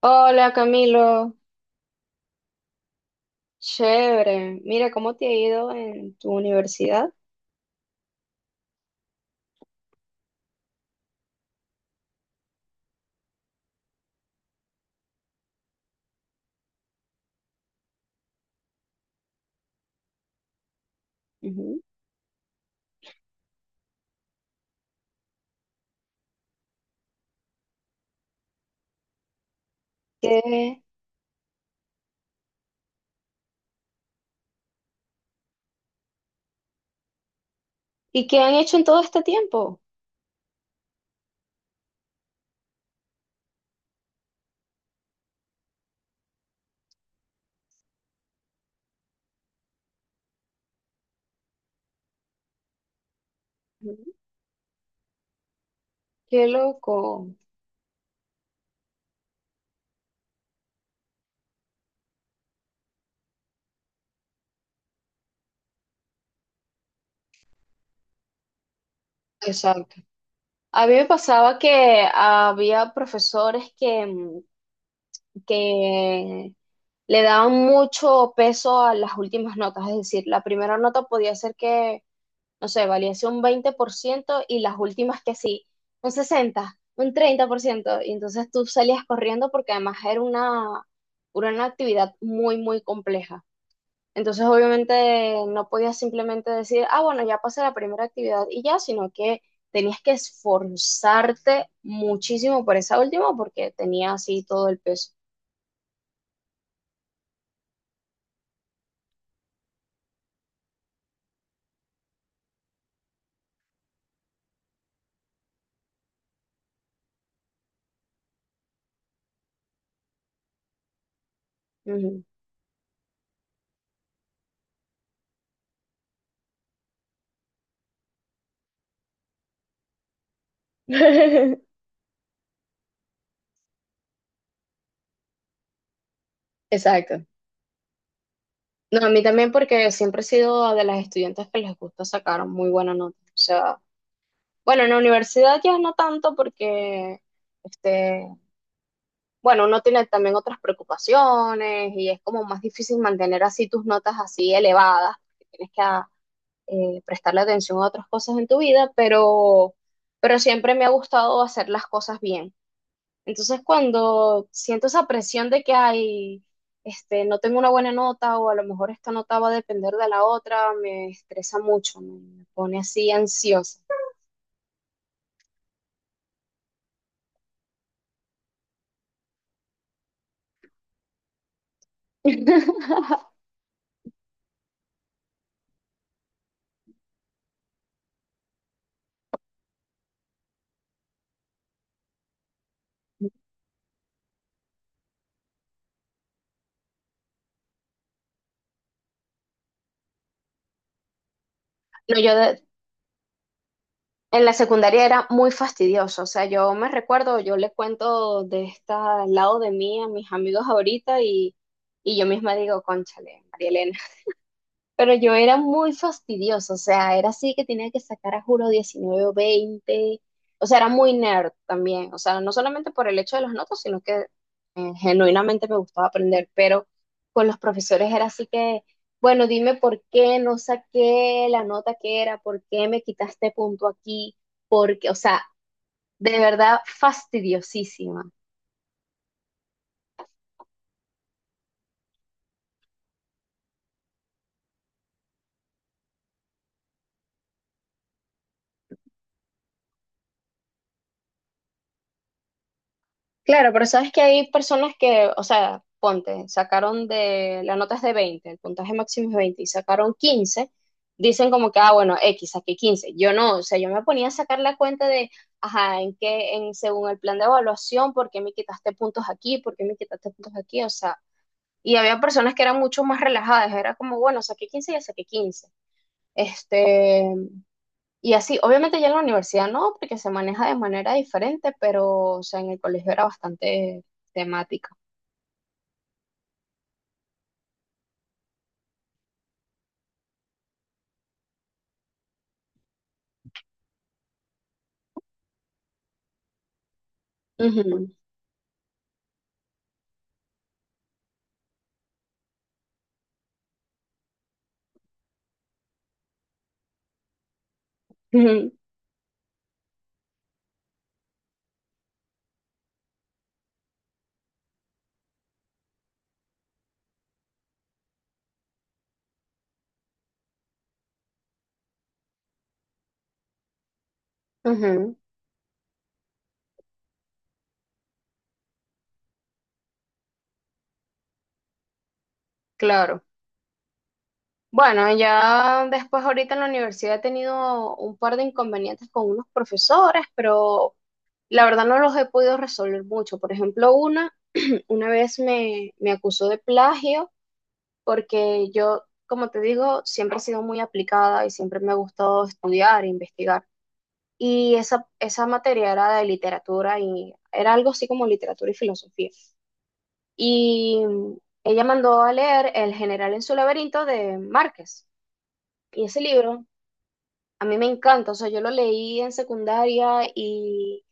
Hola Camilo, chévere. Mira, ¿cómo te ha ido en tu universidad? Ujú. ¿Qué- ¿Y qué han hecho en todo este tiempo? Ujú. Qué loco. Exacto. A mí me pasaba que había profesores que le daban mucho peso a las últimas notas, es decir, la primera nota podía ser que, no sé, valiese un 20% y las últimas que sí, un 60, 30% y entonces tú salías corriendo porque además era una actividad muy, muy compleja. Entonces, obviamente, no podías simplemente decir, ah, bueno, ya pasé la primera actividad y ya, sino que tenías que esforzarte muchísimo por esa última porque tenía así todo el peso. Exacto. No, a mí también porque siempre he sido de las estudiantes que les gusta sacar muy buena nota. O sea, bueno, en la universidad ya no tanto porque, este, bueno, uno tiene también otras preocupaciones y es como más difícil mantener así tus notas así elevadas, porque tienes que prestarle atención a otras cosas en tu vida, pero siempre me ha gustado hacer las cosas bien. Entonces, cuando siento esa presión de que hay, este, no tengo una buena nota o a lo mejor esta nota va a depender de la otra, me estresa mucho, me pone así ansiosa. No, en la secundaria era muy fastidioso, o sea, yo me recuerdo, yo le cuento de este lado de mí a mis amigos ahorita y yo misma digo, cónchale, María. Pero yo era muy fastidiosa, o sea, era así que tenía que sacar a juro 19 o 20, o sea, era muy nerd también, o sea, no solamente por el hecho de las notas, sino que genuinamente me gustaba aprender, pero con los profesores era así que, bueno, dime por qué no saqué la nota que era, por qué me quitaste punto aquí, porque, o sea, de verdad fastidiosísima. Claro, pero sabes que hay personas que, o sea, ponte, sacaron de, la nota es de 20, el puntaje máximo es 20 y sacaron 15, dicen como que, ah, bueno, X, saqué 15. Yo no, o sea, yo me ponía a sacar la cuenta de, ajá, en qué, en, según el plan de evaluación, por qué me quitaste puntos aquí, por qué me quitaste puntos aquí, o sea, y había personas que eran mucho más relajadas, era como, bueno, saqué 15 y ya saqué 15. Este, y así, obviamente ya en la universidad no, porque se maneja de manera diferente, pero o sea, en el colegio era bastante temática. Ujú, ujú, ujú, claro. Bueno, ya después ahorita en la universidad he tenido un par de inconvenientes con unos profesores, pero la verdad no los he podido resolver mucho. Por ejemplo, una vez me acusó de plagio porque yo, como te digo, siempre he sido muy aplicada y siempre me ha gustado estudiar e investigar. Y esa materia era de literatura y era algo así como literatura y filosofía. Y ella mandó a leer El general en su laberinto de Márquez. Y ese libro a mí me encanta, o sea, yo lo leí en secundaria y,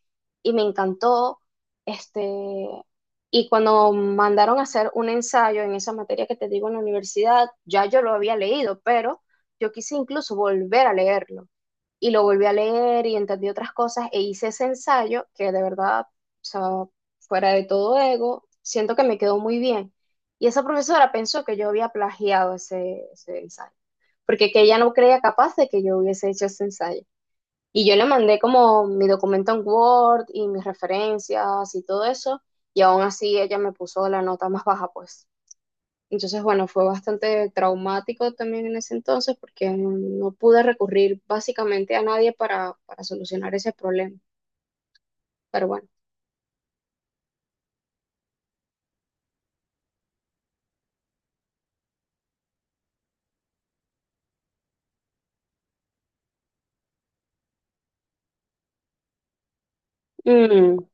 y me encantó. Este, y cuando mandaron a hacer un ensayo en esa materia que te digo en la universidad, ya yo lo había leído, pero yo quise incluso volver a leerlo. Y lo volví a leer y entendí otras cosas e hice ese ensayo que de verdad, o sea, fuera de todo ego, siento que me quedó muy bien. Y esa profesora pensó que yo había plagiado ese ensayo porque que ella no creía capaz de que yo hubiese hecho ese ensayo. Y yo le mandé como mi documento en Word y mis referencias y todo eso, y aún así ella me puso la nota más baja, pues. Entonces, bueno, fue bastante traumático también en ese entonces porque no, no pude recurrir básicamente a nadie para, para solucionar ese problema. Pero bueno, Mm,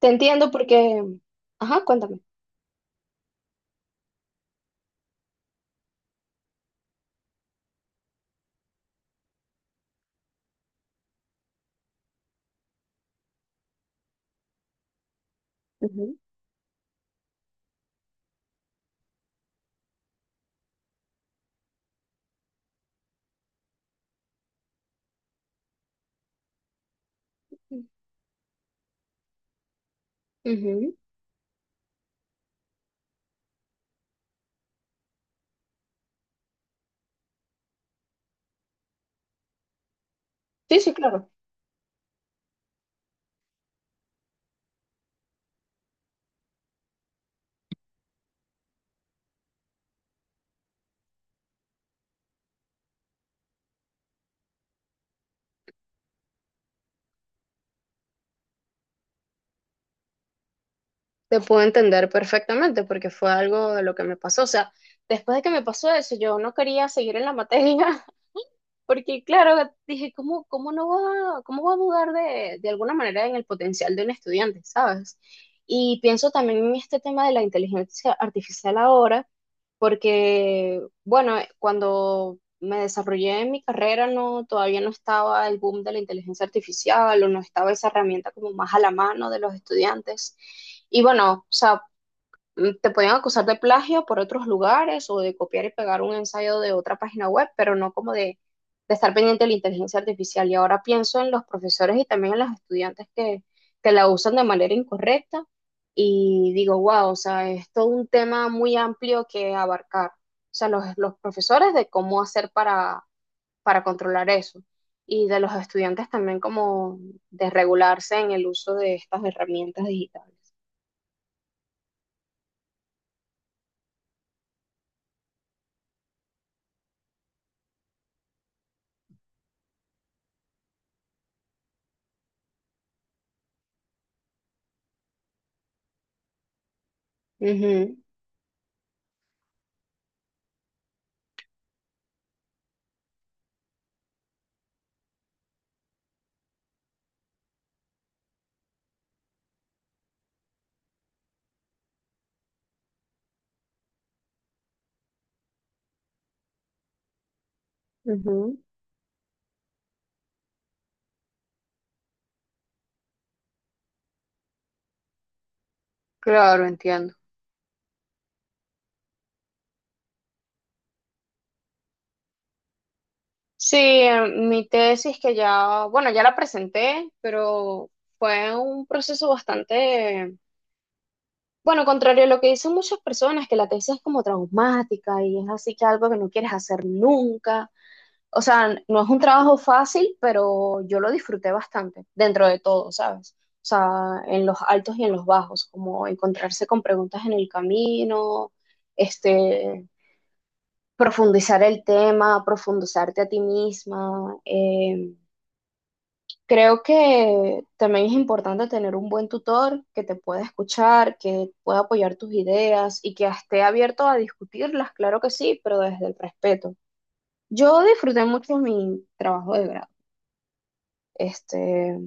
te entiendo porque... Ajá, cuéntame. Ujú, ujú. Sí, sí, claro. Te puedo entender perfectamente porque fue algo de lo que me pasó. O sea, después de que me pasó eso, yo no quería seguir en la materia porque, claro, dije, ¿cómo, cómo no va, cómo va a dudar de alguna manera en el potencial de un estudiante, ¿sabes? Y pienso también en este tema de la inteligencia artificial ahora porque, bueno, cuando me desarrollé en mi carrera, no, todavía no estaba el boom de la inteligencia artificial o no estaba esa herramienta como más a la mano de los estudiantes. Y bueno, o sea, te podían acusar de plagio por otros lugares o de copiar y pegar un ensayo de otra página web, pero no como de, estar pendiente de la inteligencia artificial. Y ahora pienso en los profesores y también en los estudiantes que la usan de manera incorrecta y digo, wow, o sea, es todo un tema muy amplio que abarcar. O sea, los profesores de cómo hacer para controlar eso y de los estudiantes también como de regularse en el uso de estas herramientas digitales. Ujú, ujú. Claro, entiendo. Sí, mi tesis que ya, bueno, ya la presenté, pero fue un proceso bastante, bueno, contrario a lo que dicen muchas personas, que la tesis es como traumática y es así que algo que no quieres hacer nunca. O sea, no es un trabajo fácil, pero yo lo disfruté bastante, dentro de todo, ¿sabes? O sea, en los altos y en los bajos, como encontrarse con preguntas en el camino, este, profundizar el tema, profundizarte a ti misma. Creo que también es importante tener un buen tutor que te pueda escuchar, que pueda apoyar tus ideas y que esté abierto a discutirlas, claro que sí, pero desde el respeto. Yo disfruté mucho mi trabajo de grado. Este,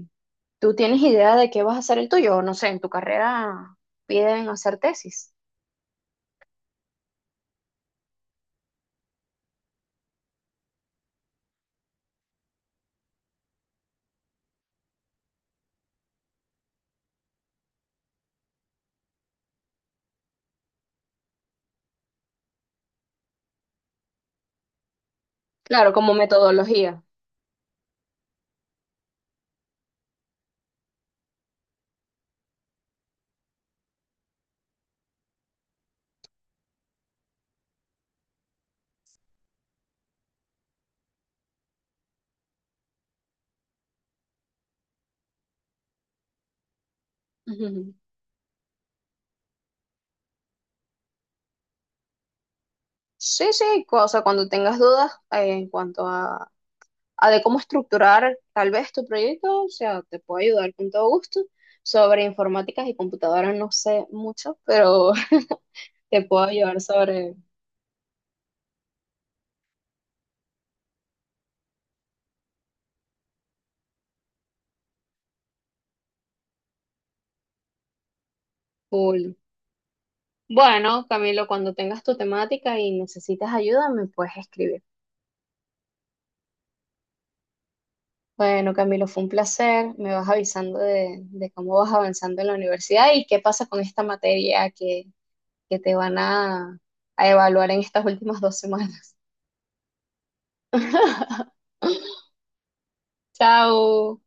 ¿tú tienes idea de qué vas a hacer el tuyo? No sé, en tu carrera piden hacer tesis. Claro, como metodología. Ujú. Sí, sí, o sea, cuando tengas dudas en cuanto a de cómo estructurar tal vez tu proyecto, o sea, te puedo ayudar con todo gusto. Sobre informáticas y computadoras no sé mucho, pero te puedo ayudar sobre full. Bueno, Camilo, cuando tengas tu temática y necesites ayuda, me puedes escribir. Bueno, Camilo, fue un placer. Me vas avisando de cómo vas avanzando en la universidad y qué pasa con esta materia que te van a evaluar en estas últimas 2 semanas. Chao.